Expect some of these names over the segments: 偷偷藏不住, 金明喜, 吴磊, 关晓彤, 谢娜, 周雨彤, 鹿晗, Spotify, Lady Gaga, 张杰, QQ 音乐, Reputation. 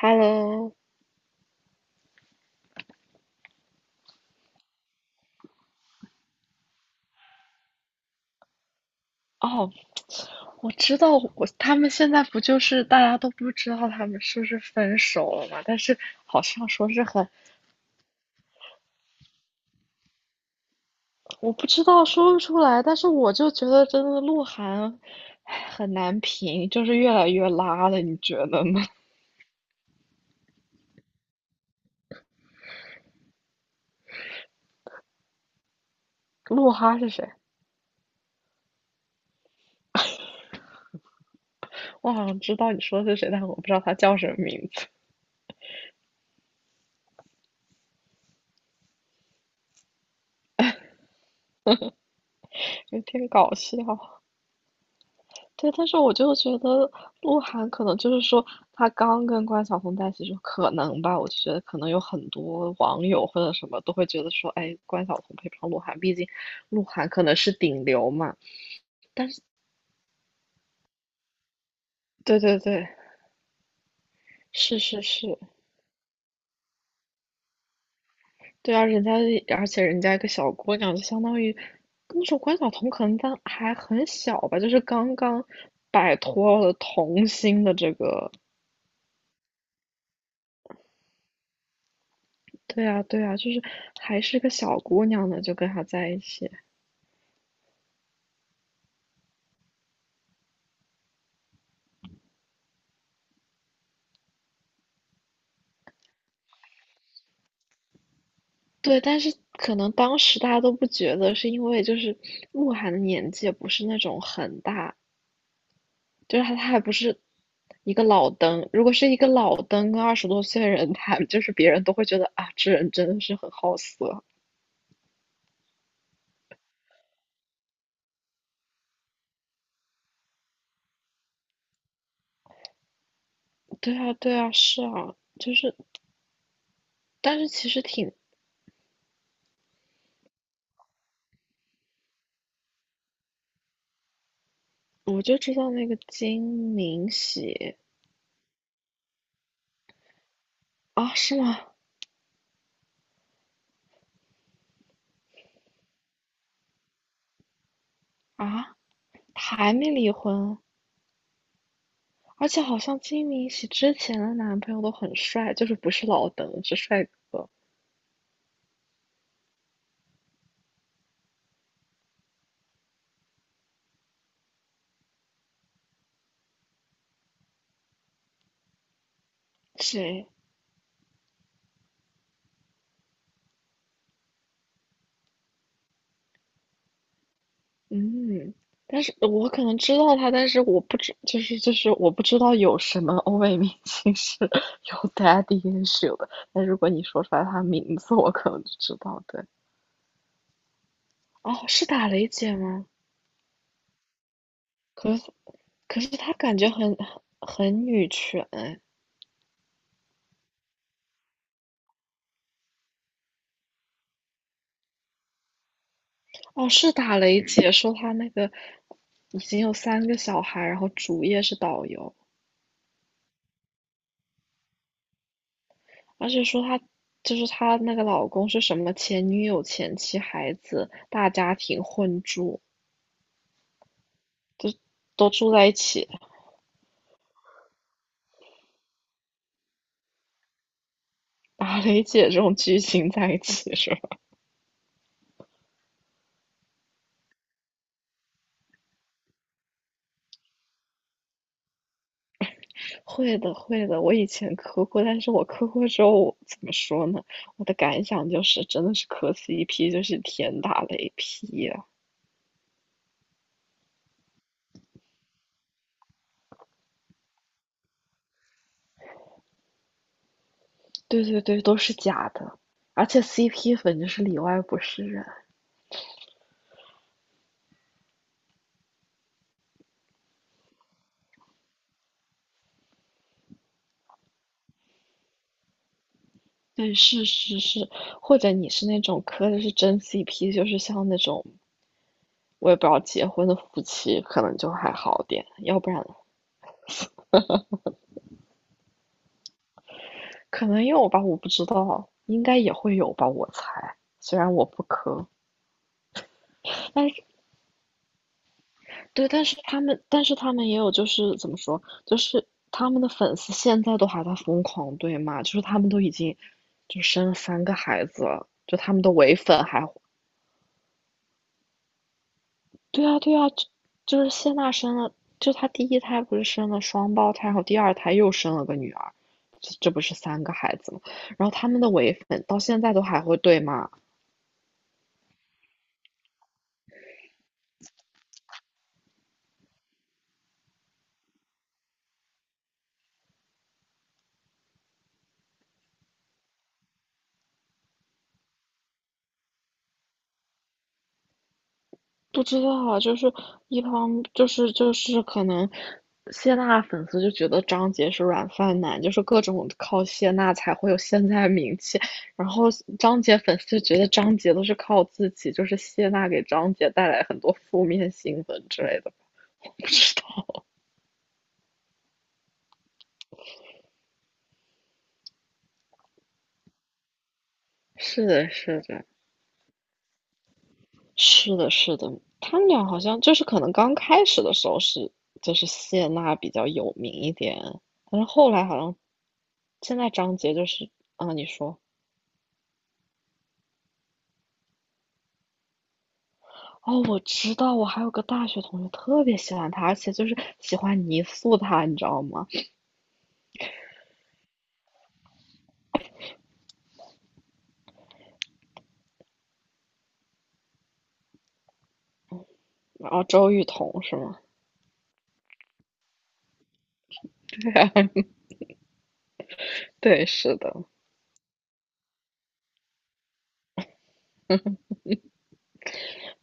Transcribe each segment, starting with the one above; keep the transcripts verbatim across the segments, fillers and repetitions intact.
Hello，哦，我知道我，他们现在不就是大家都不知道他们是不是分手了嘛？但是好像说是很，我不知道说不出来，但是我就觉得真的鹿晗，唉，很难评，就是越来越拉了，你觉得呢？鹿哈是谁？我好像知道你说的是谁，但我不知道他叫什么名字，有点搞笑。对，但是我就觉得鹿晗可能就是说，他刚跟关晓彤在一起就可能吧，我就觉得可能有很多网友或者什么都会觉得说，哎，关晓彤配不上鹿晗，毕竟鹿晗可能是顶流嘛。对对对，是是是，对啊，人家而且人家一个小姑娘，就相当于那时候关晓彤可能当还很小吧，就是刚刚摆脱了童星的这个，对啊对啊，就是还是个小姑娘呢，就跟他在一起。对，但是可能当时大家都不觉得，是因为就是鹿晗的年纪也不是那种很大，就是他他还不是一个老登。如果是一个老登跟二十多岁的人谈，就是别人都会觉得啊，这人真的是很好色。对啊，对啊，是啊。但是其实挺，我就知道那个金明喜啊，是吗？啊，他还没离婚，而且好像金明喜之前的男朋友都很帅，就是不是老登，是帅哥。谁？嗯，但是我可能知道他，但是我不知，就是就是我不知道有什么欧美明星是 有 daddy issue 的。但如果你说出来他名字，我可能就知道。对，哦，是打雷姐吗？可是可是她感觉很，很女权哎。哦，是打雷姐说她那个已经有三个小孩，然后主业是导游，而且说她，就是她那个老公是什么前女友、前妻、孩子、大家庭混住。都住在一起，打雷姐这种剧情在一起是吧？会的，会的。我以前磕过，但是我磕过之后，我怎么说呢？我的感想就是，真的是磕 C P 就是天打雷劈呀、对对对，都是假的，而且 C P 粉就是里外不是人。对，是是是，或者你是那种磕的是真 C P,就是像那种我也不知道结婚的夫妻，可能就还好点，要不然可能有吧，我不知道，应该也会有吧，我猜。虽然我不磕，但是对，但是他们，但是他们也有，就是怎么说，就是他们的粉丝现在都还在疯狂对骂，就是他们都已经就生了三个孩子了，就他们的唯粉还，对啊，对啊，就，就是谢娜生了，就她第一胎不是生了双胞胎，然后第二胎又生了个女儿，这这不是三个孩子吗？然后他们的唯粉到现在都还会对骂。不知道啊，就是一方就是就是可能谢娜粉丝就觉得张杰是软饭男，就是各种靠谢娜才会有现在名气，然后张杰粉丝就觉得张杰都是靠自己，就是谢娜给张杰带来很多负面新闻之类的，不知道。是的，是的，是的，是的，他们俩好像就是可能刚开始的时候是，就是谢娜比较有名一点，但是后来好像现在张杰就是，啊，你说。哦，我知道，我还有个大学同学特别喜欢他，而且就是喜欢泥塑他，你知道吗？然后周雨彤是吗？对，是的，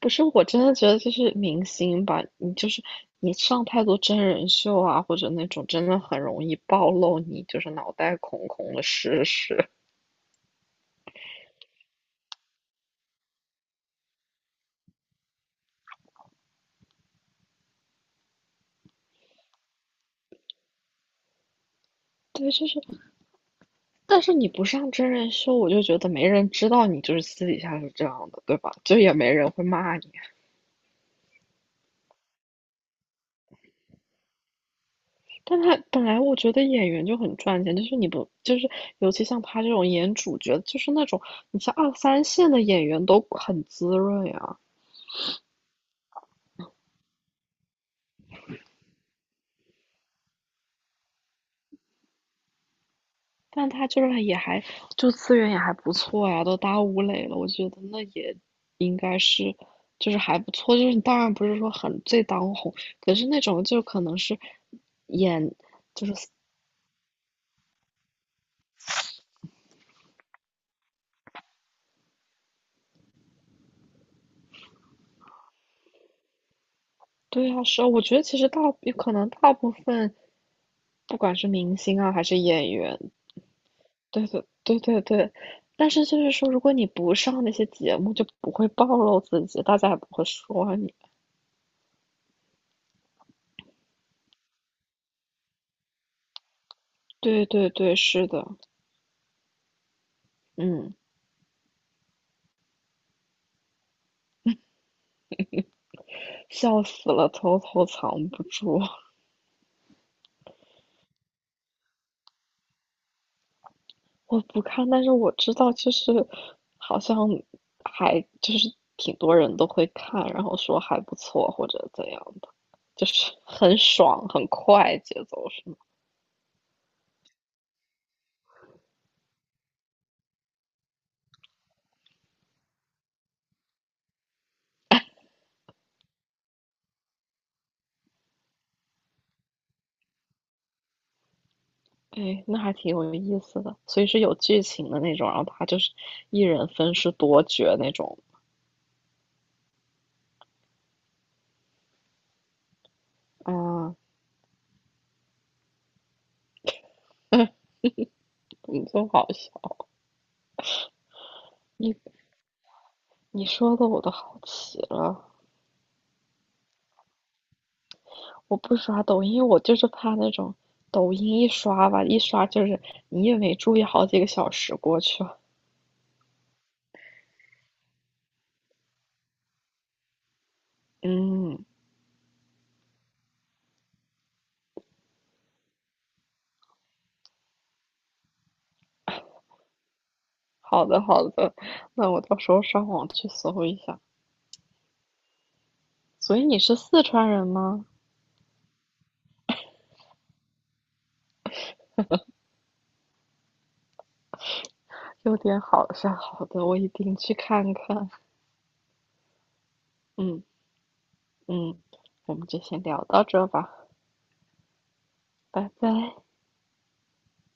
不是，我真的觉得就是明星吧，你就是你上太多真人秀啊，或者那种真的很容易暴露你就是脑袋空空的事实。对，就是，但是你不上真人秀，我就觉得没人知道你就是私底下是这样的，对吧？就也没人会骂你。但他本来我觉得演员就很赚钱，就是你不就是尤其像他这种演主角，就是那种你像二三线的演员都很滋润呀，但他就是也还就资源也还不错呀，都打吴磊了，我觉得那也应该是就是还不错，就是你当然不是说很最当红，可是那种就可能是演，对啊，是啊，我觉得其实大，可能大部分不管是明星啊还是演员。对对对对对，但是就是说，如果你不上那些节目，就不会暴露自己，大家也不会说你。对对对，是的，嗯，笑死了，偷偷藏不住。我不看，但是我知道，就是好像还就是挺多人都会看，然后说还不错或者怎样的，就是 很爽很快节奏是吗？哎，那还挺有意思的，所以是有剧情的那种，然后他就是一人分饰多角那种。啊，你真好笑！你你说的我都好奇了。我不刷抖音，我就是怕那种抖音一刷吧，一刷就是你也没注意，好几个小时过去了。嗯，好的好的，那我到时候上网去搜一下。所以你是四川人吗？有点好像好的，我一定去看看。嗯嗯，我们就先聊到这吧，拜拜。